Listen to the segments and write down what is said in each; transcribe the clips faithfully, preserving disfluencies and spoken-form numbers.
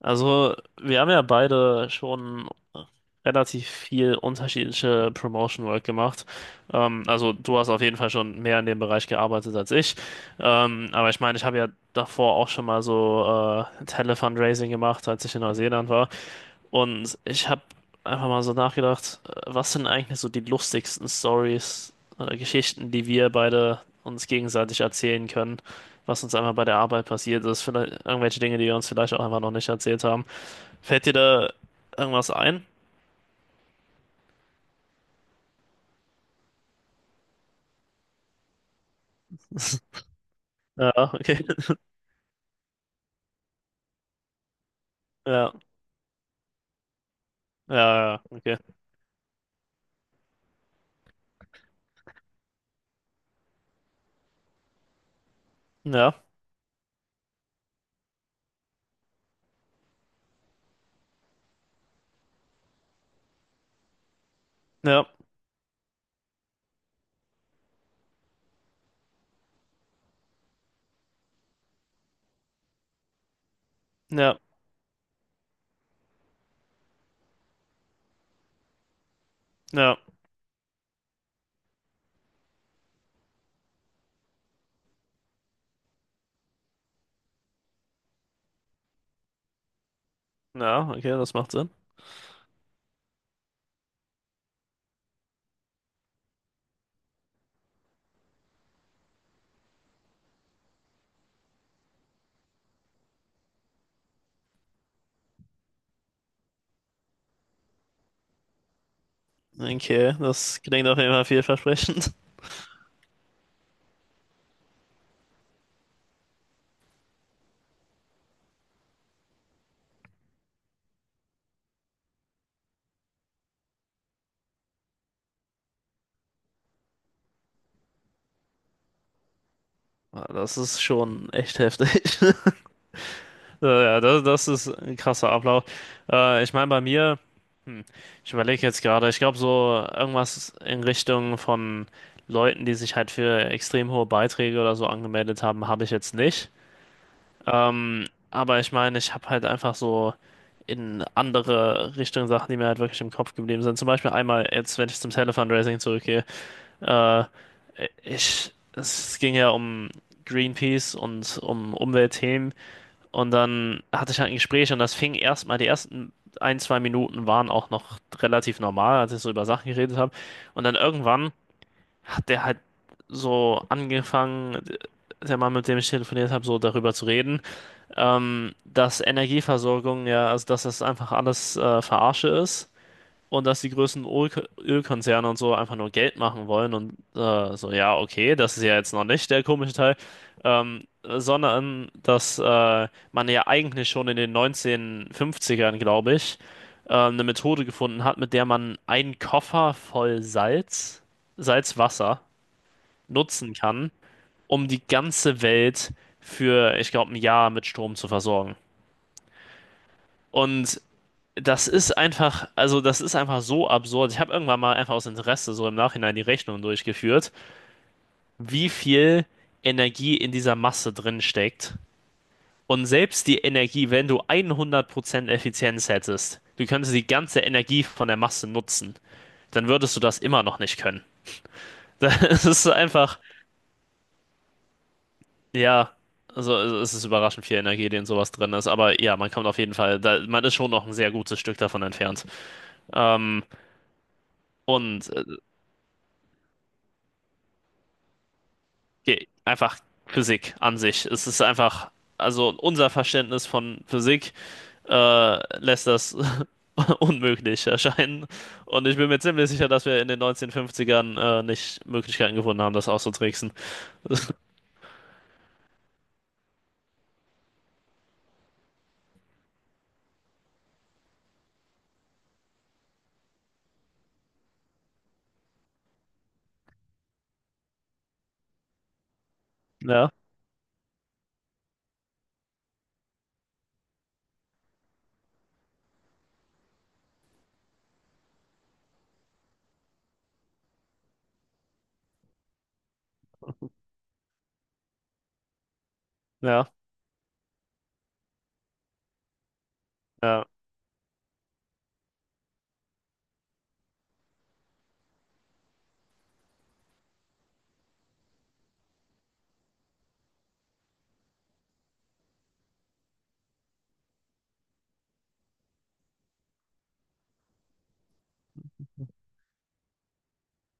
Also, wir haben ja beide schon relativ viel unterschiedliche Promotion Work gemacht. Ähm, also, du hast auf jeden Fall schon mehr in dem Bereich gearbeitet als ich. Ähm, aber ich meine, ich habe ja davor auch schon mal so äh, Tele-Fundraising gemacht, als ich in Neuseeland war. Und ich habe einfach mal so nachgedacht, äh, was sind eigentlich so die lustigsten Stories oder Geschichten, die wir beide uns gegenseitig erzählen können, was uns einfach bei der Arbeit passiert ist, vielleicht irgendwelche Dinge, die wir uns vielleicht auch einfach noch nicht erzählt haben. Fällt dir da irgendwas ein? Ja, okay. Ja, ja, ja, ja, okay. Ja, ja, ja, ja, ja, okay, das macht Sinn. Okay, das klingt auf jeden Fall vielversprechend. Ah, das ist schon echt heftig. Äh, Ja, das, das ist ein krasser Ablauf. Äh, ich meine, bei mir, ich überlege jetzt gerade, ich glaube, so irgendwas in Richtung von Leuten, die sich halt für extrem hohe Beiträge oder so angemeldet haben, habe ich jetzt nicht. Ähm, aber ich meine, ich habe halt einfach so in andere Richtungen Sachen, die mir halt wirklich im Kopf geblieben sind. Zum Beispiel einmal jetzt, wenn ich zum Telefundraising zurückgehe, äh, ich, es ging ja um Greenpeace und um Umweltthemen. Und dann hatte ich halt ein Gespräch und das fing erstmal, die ersten ein, zwei Minuten waren auch noch relativ normal, als ich so über Sachen geredet habe. Und dann irgendwann hat der halt so angefangen, der Mann, mit dem ich telefoniert habe, so darüber zu reden, ähm, dass Energieversorgung ja, also dass das einfach alles äh, Verarsche ist und dass die größten Öl Ölkonzerne und so einfach nur Geld machen wollen und äh, so, ja, okay, das ist ja jetzt noch nicht der komische Teil, ähm, sondern dass äh, man ja eigentlich schon in den neunzehnhundertfünfzigern, glaube ich, äh, eine Methode gefunden hat, mit der man einen Koffer voll Salz, Salzwasser nutzen kann, um die ganze Welt für, ich glaube, ein Jahr mit Strom zu versorgen. Und das ist einfach, also das ist einfach so absurd. Ich habe irgendwann mal einfach aus Interesse so im Nachhinein die Rechnung durchgeführt, wie viel Energie in dieser Masse drin steckt. Und selbst die Energie, wenn du hundert Prozent Effizienz hättest, du könntest die ganze Energie von der Masse nutzen, dann würdest du das immer noch nicht können. Das ist einfach, ja, also es ist überraschend viel Energie, die in sowas drin ist. Aber ja, man kommt auf jeden Fall, da, man ist schon noch ein sehr gutes Stück davon entfernt. Ähm, und äh, Ge- einfach Physik an sich. Es ist einfach, also unser Verständnis von Physik äh, lässt das unmöglich erscheinen. Und ich bin mir ziemlich sicher, dass wir in den neunzehnhundertfünfzigern äh, nicht Möglichkeiten gefunden haben, das auszutricksen. Ja, ja, ja.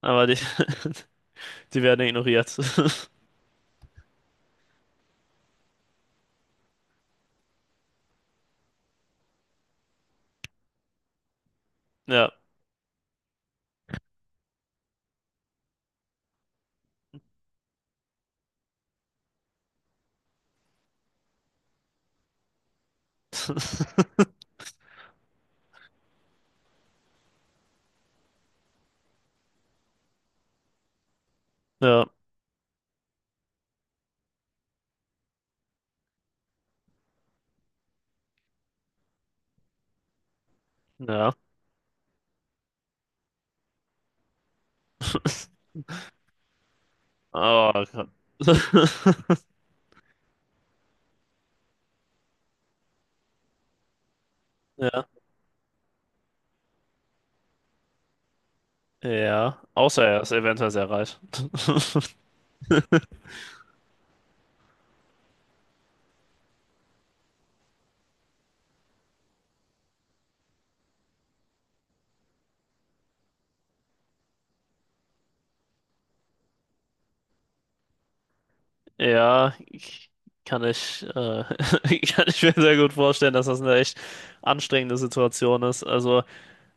Aber die, die werden ignoriert. Ja, ja, ja. Oh Gott. Ja, ja. Außer er ist eventuell sehr reich. Ja, ich- kann ich, äh, kann ich mir sehr gut vorstellen, dass das eine echt anstrengende Situation ist. Also,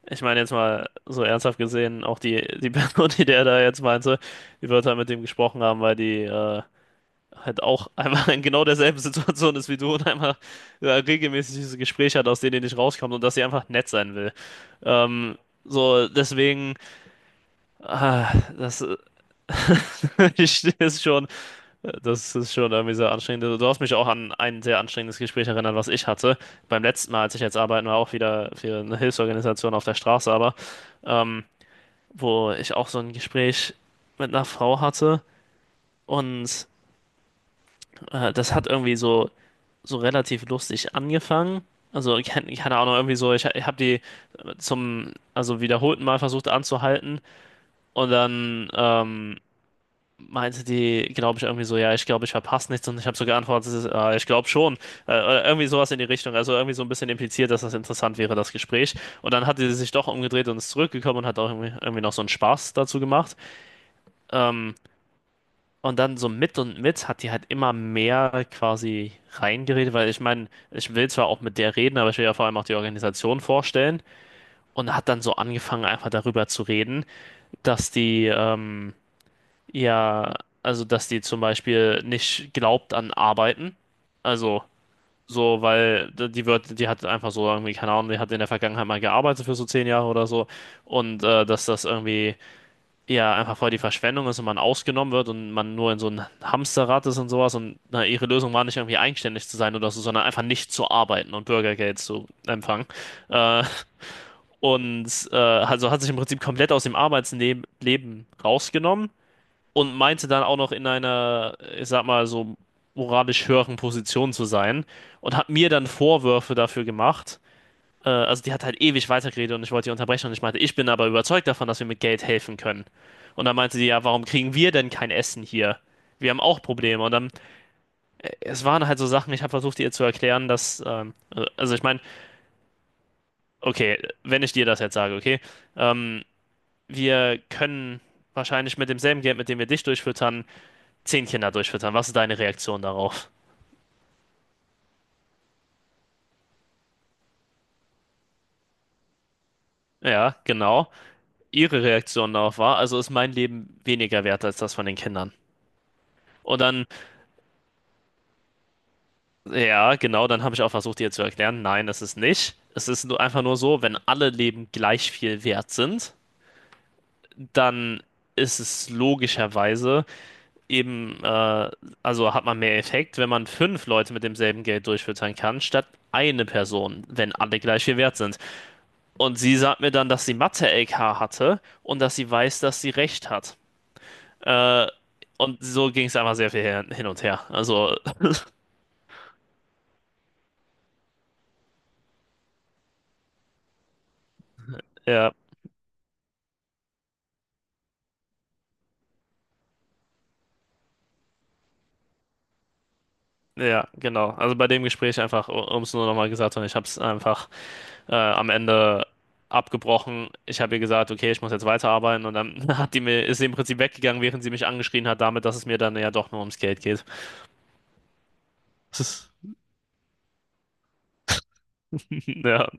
ich meine jetzt mal so ernsthaft gesehen, auch die, die Person, die der da jetzt meinte, die wird halt mit dem gesprochen haben, weil die äh, halt auch einmal in genau derselben Situation ist wie du und einmal äh, regelmäßig diese Gespräche hat, aus denen die nicht rauskommt und dass sie einfach nett sein will. Ähm, so, deswegen, ah, das ich ich- ist schon. Das ist schon irgendwie sehr anstrengend. Du du hast mich auch an ein sehr anstrengendes Gespräch erinnert, was ich hatte. Beim letzten Mal, als ich jetzt arbeiten war, auch wieder für eine Hilfsorganisation auf der Straße, aber ähm, wo ich auch so ein Gespräch mit einer Frau hatte und äh, das hat irgendwie so, so relativ lustig angefangen. Also, keine, keine Ahnung, irgendwie so, ich, ich habe die zum, also wiederholten Mal versucht anzuhalten und dann, ähm, meinte die, glaube ich, irgendwie so, ja, ich glaube, ich verpasse nichts und ich habe so geantwortet, ah, ich glaube schon. Äh, oder irgendwie sowas in die Richtung. Also irgendwie so ein bisschen impliziert, dass das interessant wäre, das Gespräch. Und dann hat sie sich doch umgedreht und ist zurückgekommen und hat auch irgendwie, irgendwie noch so einen Spaß dazu gemacht. Ähm, und dann so mit und mit hat die halt immer mehr quasi reingeredet, weil ich meine, ich will zwar auch mit der reden, aber ich will ja vor allem auch die Organisation vorstellen. Und hat dann so angefangen, einfach darüber zu reden, dass die, ähm, ja, also dass die zum Beispiel nicht glaubt an Arbeiten. Also so, weil d- die wird, die hat einfach so irgendwie, keine Ahnung, die hat in der Vergangenheit mal gearbeitet für so zehn Jahre oder so. Und äh, dass das irgendwie ja einfach voll die Verschwendung ist und man ausgenommen wird und man nur in so ein Hamsterrad ist und sowas. Und na, ihre Lösung war nicht irgendwie eigenständig zu sein oder so, sondern einfach nicht zu arbeiten und Bürgergeld zu empfangen. Äh, und äh, also hat sich im Prinzip komplett aus dem Arbeitsleben Leben rausgenommen und meinte dann auch noch in einer, ich sag mal, so moralisch höheren Position zu sein und hat mir dann Vorwürfe dafür gemacht. Äh, also die hat halt ewig weitergeredet und ich wollte die unterbrechen und ich meinte, ich bin aber überzeugt davon, dass wir mit Geld helfen können. Und dann meinte sie ja, warum kriegen wir denn kein Essen hier? Wir haben auch Probleme. Und dann, es waren halt so Sachen, ich habe versucht, ihr zu erklären, dass, ähm, also ich meine, okay, wenn ich dir das jetzt sage, okay, ähm, wir können wahrscheinlich mit demselben Geld, mit dem wir dich durchfüttern, zehn Kinder durchfüttern. Was ist deine Reaktion darauf? Ja, genau. Ihre Reaktion darauf war, also ist mein Leben weniger wert als das von den Kindern. Und dann, ja, genau, dann habe ich auch versucht, ihr zu erklären, nein, das ist nicht. Es ist einfach nur so, wenn alle Leben gleich viel wert sind, dann ist es logischerweise eben, äh, also hat man mehr Effekt, wenn man fünf Leute mit demselben Geld durchfüttern kann, statt eine Person, wenn alle gleich viel wert sind. Und sie sagt mir dann, dass sie Mathe-L K hatte und dass sie weiß, dass sie recht hat. Äh, und so ging es einfach sehr viel her- hin und her. Also, ja, ja, genau. Also bei dem Gespräch einfach, um es nur nochmal gesagt zu haben, ich habe es einfach äh, am Ende abgebrochen. Ich habe ihr gesagt, okay, ich muss jetzt weiterarbeiten. Und dann hat die mir, ist sie im Prinzip weggegangen, während sie mich angeschrien hat, damit, dass es mir dann ja doch nur ums Geld geht. Ja.